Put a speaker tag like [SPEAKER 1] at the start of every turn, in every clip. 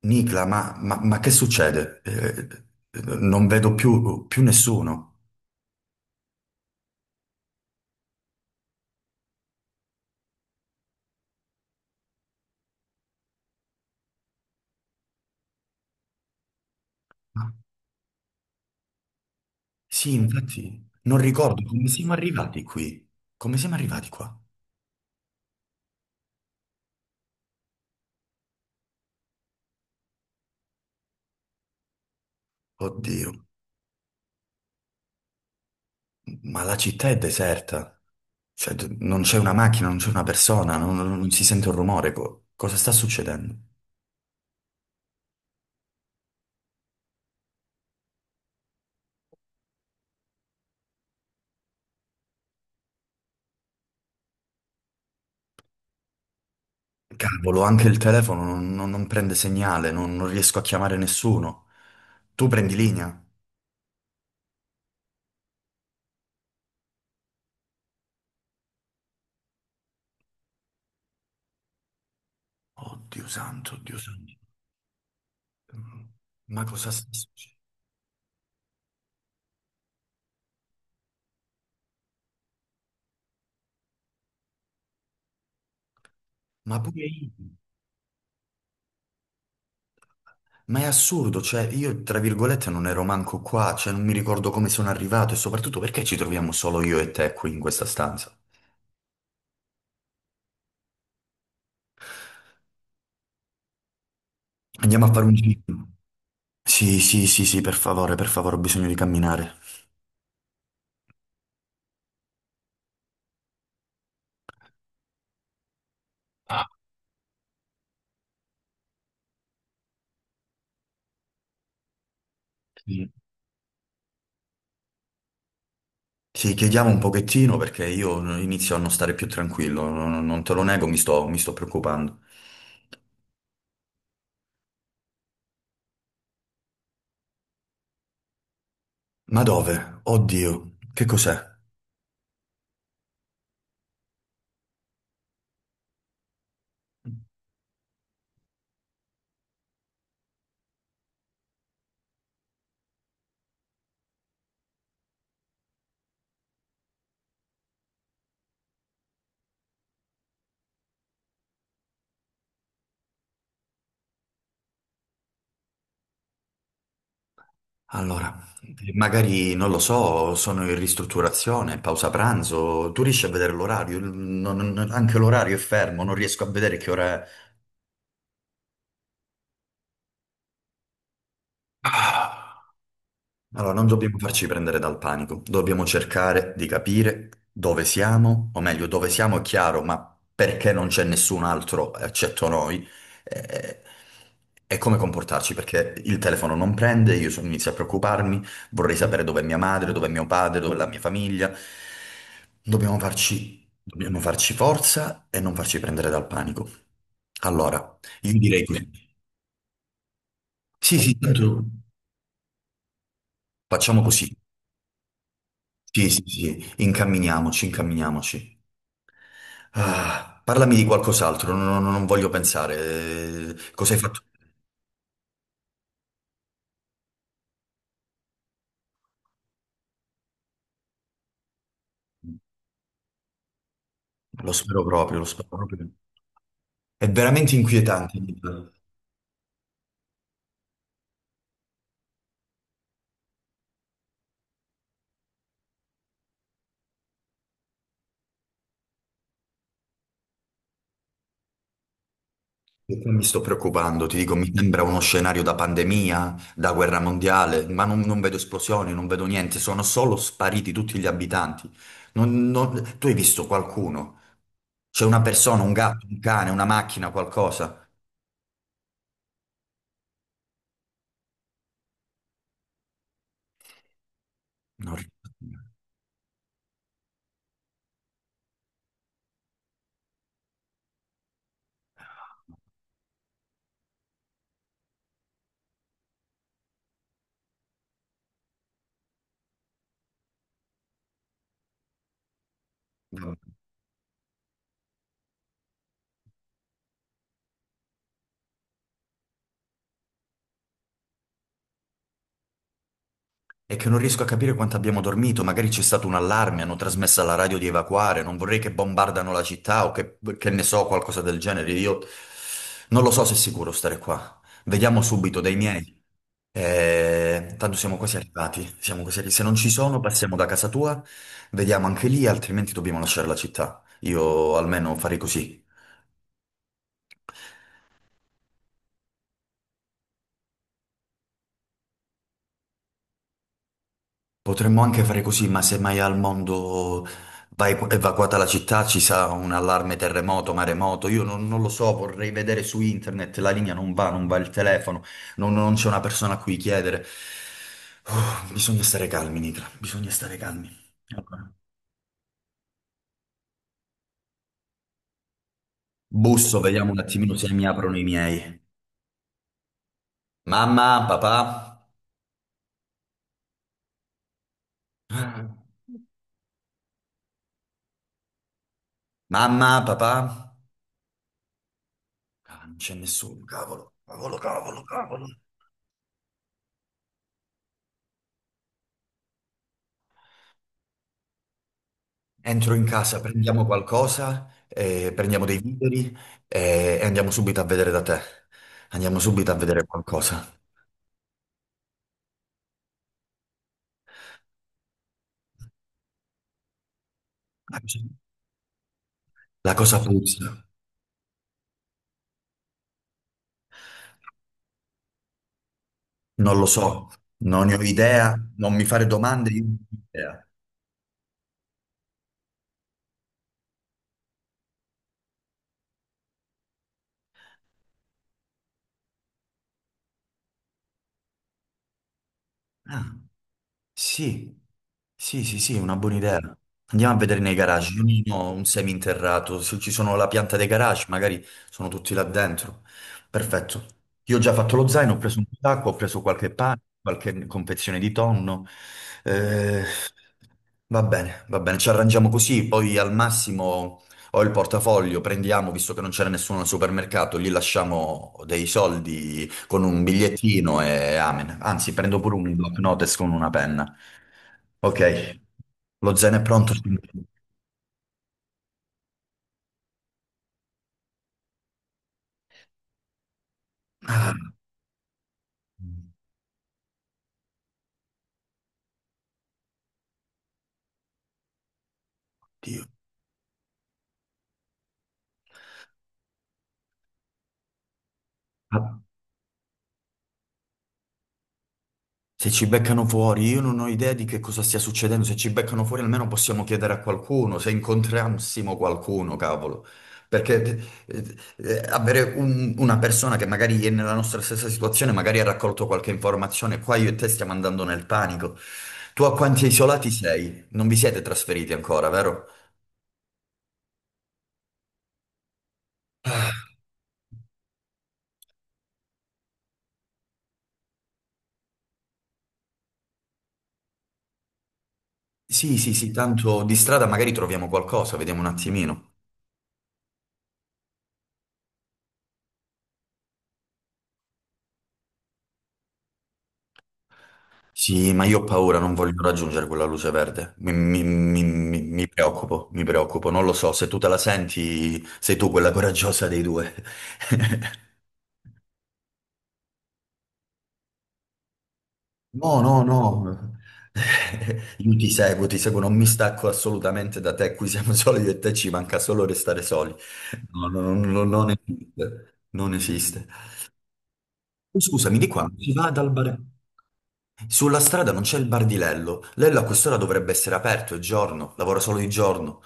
[SPEAKER 1] Nicla, ma, ma che succede? Non vedo più nessuno. Ah, Sì, infatti, non ricordo come siamo arrivati qui. Come siamo arrivati qua? Oddio, ma la città è deserta. Cioè, non c'è una macchina, non c'è una persona, non si sente un rumore. Cosa sta succedendo? Cavolo, anche il telefono non prende segnale, non riesco a chiamare nessuno. Tu prendi linea? Oddio santo, oddio santo. Ma cosa sta succedendo? Ma pure io. Ma è assurdo, cioè io tra virgolette non ero manco qua, cioè non mi ricordo come sono arrivato e soprattutto perché ci troviamo solo io e te qui in questa stanza. Andiamo a fare un giro. Sì, sì, sì, sì, per favore, ho bisogno di camminare. Ah, sì. Sì, chiediamo un pochettino perché io inizio a non stare più tranquillo, non te lo nego, mi sto preoccupando. Ma dove? Oddio, che cos'è? Allora, magari non lo so, sono in ristrutturazione, pausa pranzo, tu riesci a vedere l'orario? Anche l'orario è fermo, non riesco a vedere che ora è. Ah. Allora, non dobbiamo farci prendere dal panico, dobbiamo cercare di capire dove siamo, o meglio, dove siamo è chiaro, ma perché non c'è nessun altro eccetto noi, eh, e come comportarci, perché il telefono non prende, inizio a preoccuparmi, vorrei sapere dove è mia madre, dove è mio padre, dove è la mia famiglia. Dobbiamo farci forza e non farci prendere dal panico. Allora, io direi così. Sì, sì, tanto facciamo così. Sì, sì, sì, incamminiamoci, incamminiamoci. Ah, parlami di qualcos'altro, non voglio pensare. Cosa hai fatto? Lo spero proprio, lo spero proprio. È veramente inquietante. E qua mi sto preoccupando, ti dico, mi sembra uno scenario da pandemia, da guerra mondiale, ma non vedo esplosioni, non vedo niente, sono solo spariti tutti gli abitanti. Tu hai visto qualcuno? C'è una persona, un gatto, un cane, una macchina, qualcosa? Non ricordo. È che non riesco a capire quanto abbiamo dormito, magari c'è stato un allarme, hanno trasmesso alla radio di evacuare, non vorrei che bombardano la città o che ne so, qualcosa del genere. Io non lo so se è sicuro stare qua. Vediamo subito dai miei. Tanto siamo quasi arrivati, se non ci sono, passiamo da casa tua, vediamo anche lì, altrimenti dobbiamo lasciare la città. Io almeno farei così. Potremmo anche fare così, ma se mai al mondo va evacuata la città ci sarà un allarme terremoto, maremoto, io non lo so, vorrei vedere su internet, la linea non va, non va il telefono, non c'è una persona a cui chiedere. Bisogna stare calmi, Nicla, bisogna stare calmi. Allora, busso, vediamo un attimino se mi aprono i miei. Mamma, papà? Mamma, papà? Ah, non c'è nessuno, cavolo, cavolo, cavolo, cavolo. Entro in casa, prendiamo qualcosa, prendiamo dei viveri e andiamo subito a vedere da te. Andiamo subito a vedere qualcosa. La cosa puzza, non lo so, non ne ho idea, non mi fare domande, io non ne ho idea. Ah. Sì, sì, sì, sì, è una buona idea. Andiamo a vedere nei garage. Io non ho un seminterrato. Se ci sono la pianta dei garage, magari sono tutti là dentro. Perfetto. Io ho già fatto lo zaino, ho preso un po' d'acqua, ho preso qualche pane, qualche confezione di tonno. Eh, va bene, ci arrangiamo così. Poi al massimo. Ho il portafoglio, prendiamo, visto che non c'era nessuno al supermercato, gli lasciamo dei soldi con un bigliettino e amen. Anzi, prendo pure un block notes con una penna. Ok, lo zen è pronto. Ah, Dio. Ah. Se ci beccano fuori, io non ho idea di che cosa stia succedendo. Se ci beccano fuori, almeno possiamo chiedere a qualcuno, se incontrassimo qualcuno, cavolo. Perché eh, Avere una persona che magari è nella nostra stessa situazione, magari ha raccolto qualche informazione, qua io e te stiamo andando nel panico. Tu a quanti isolati sei? Non vi siete trasferiti ancora, vero? Sì, sì, sì, tanto di strada magari troviamo qualcosa, vediamo un attimino. Sì, ma io ho paura, non voglio raggiungere quella luce verde. Mi preoccupo, mi preoccupo. Non lo so, se tu te la senti, sei tu quella coraggiosa dei due. No, no, no. Io ti seguo, non mi stacco assolutamente da te. Qui siamo solo io e te, ci manca solo restare soli. No, no, no, no, non esiste. Non esiste. Oh, scusami, di qua si va dal bar. Sulla strada non c'è il bar di Lello. Lello a quest'ora dovrebbe essere aperto, è giorno, lavora solo di giorno.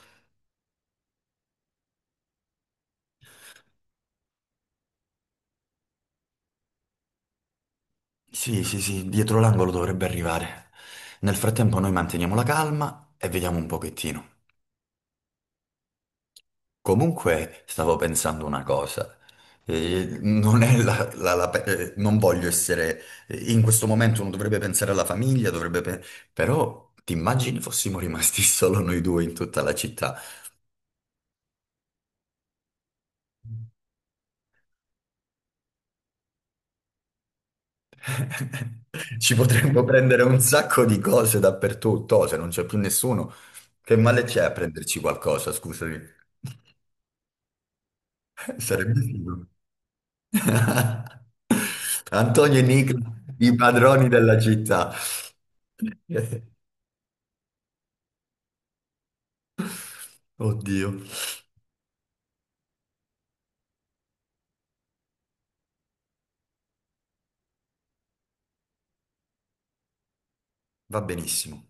[SPEAKER 1] Sì, sì, sì, dietro l'angolo dovrebbe arrivare. Nel frattempo noi manteniamo la calma e vediamo un pochettino. Comunque, stavo pensando una cosa. Non è non voglio essere... In questo momento uno dovrebbe pensare alla famiglia, dovrebbe... Però ti immagini fossimo rimasti solo noi due in tutta la città? Ci potremmo prendere un sacco di cose dappertutto, oh, se non c'è più nessuno. Che male c'è a prenderci qualcosa, scusami? Sarebbe figo. Antonio e Nicola, i padroni della città. Oddio, va benissimo.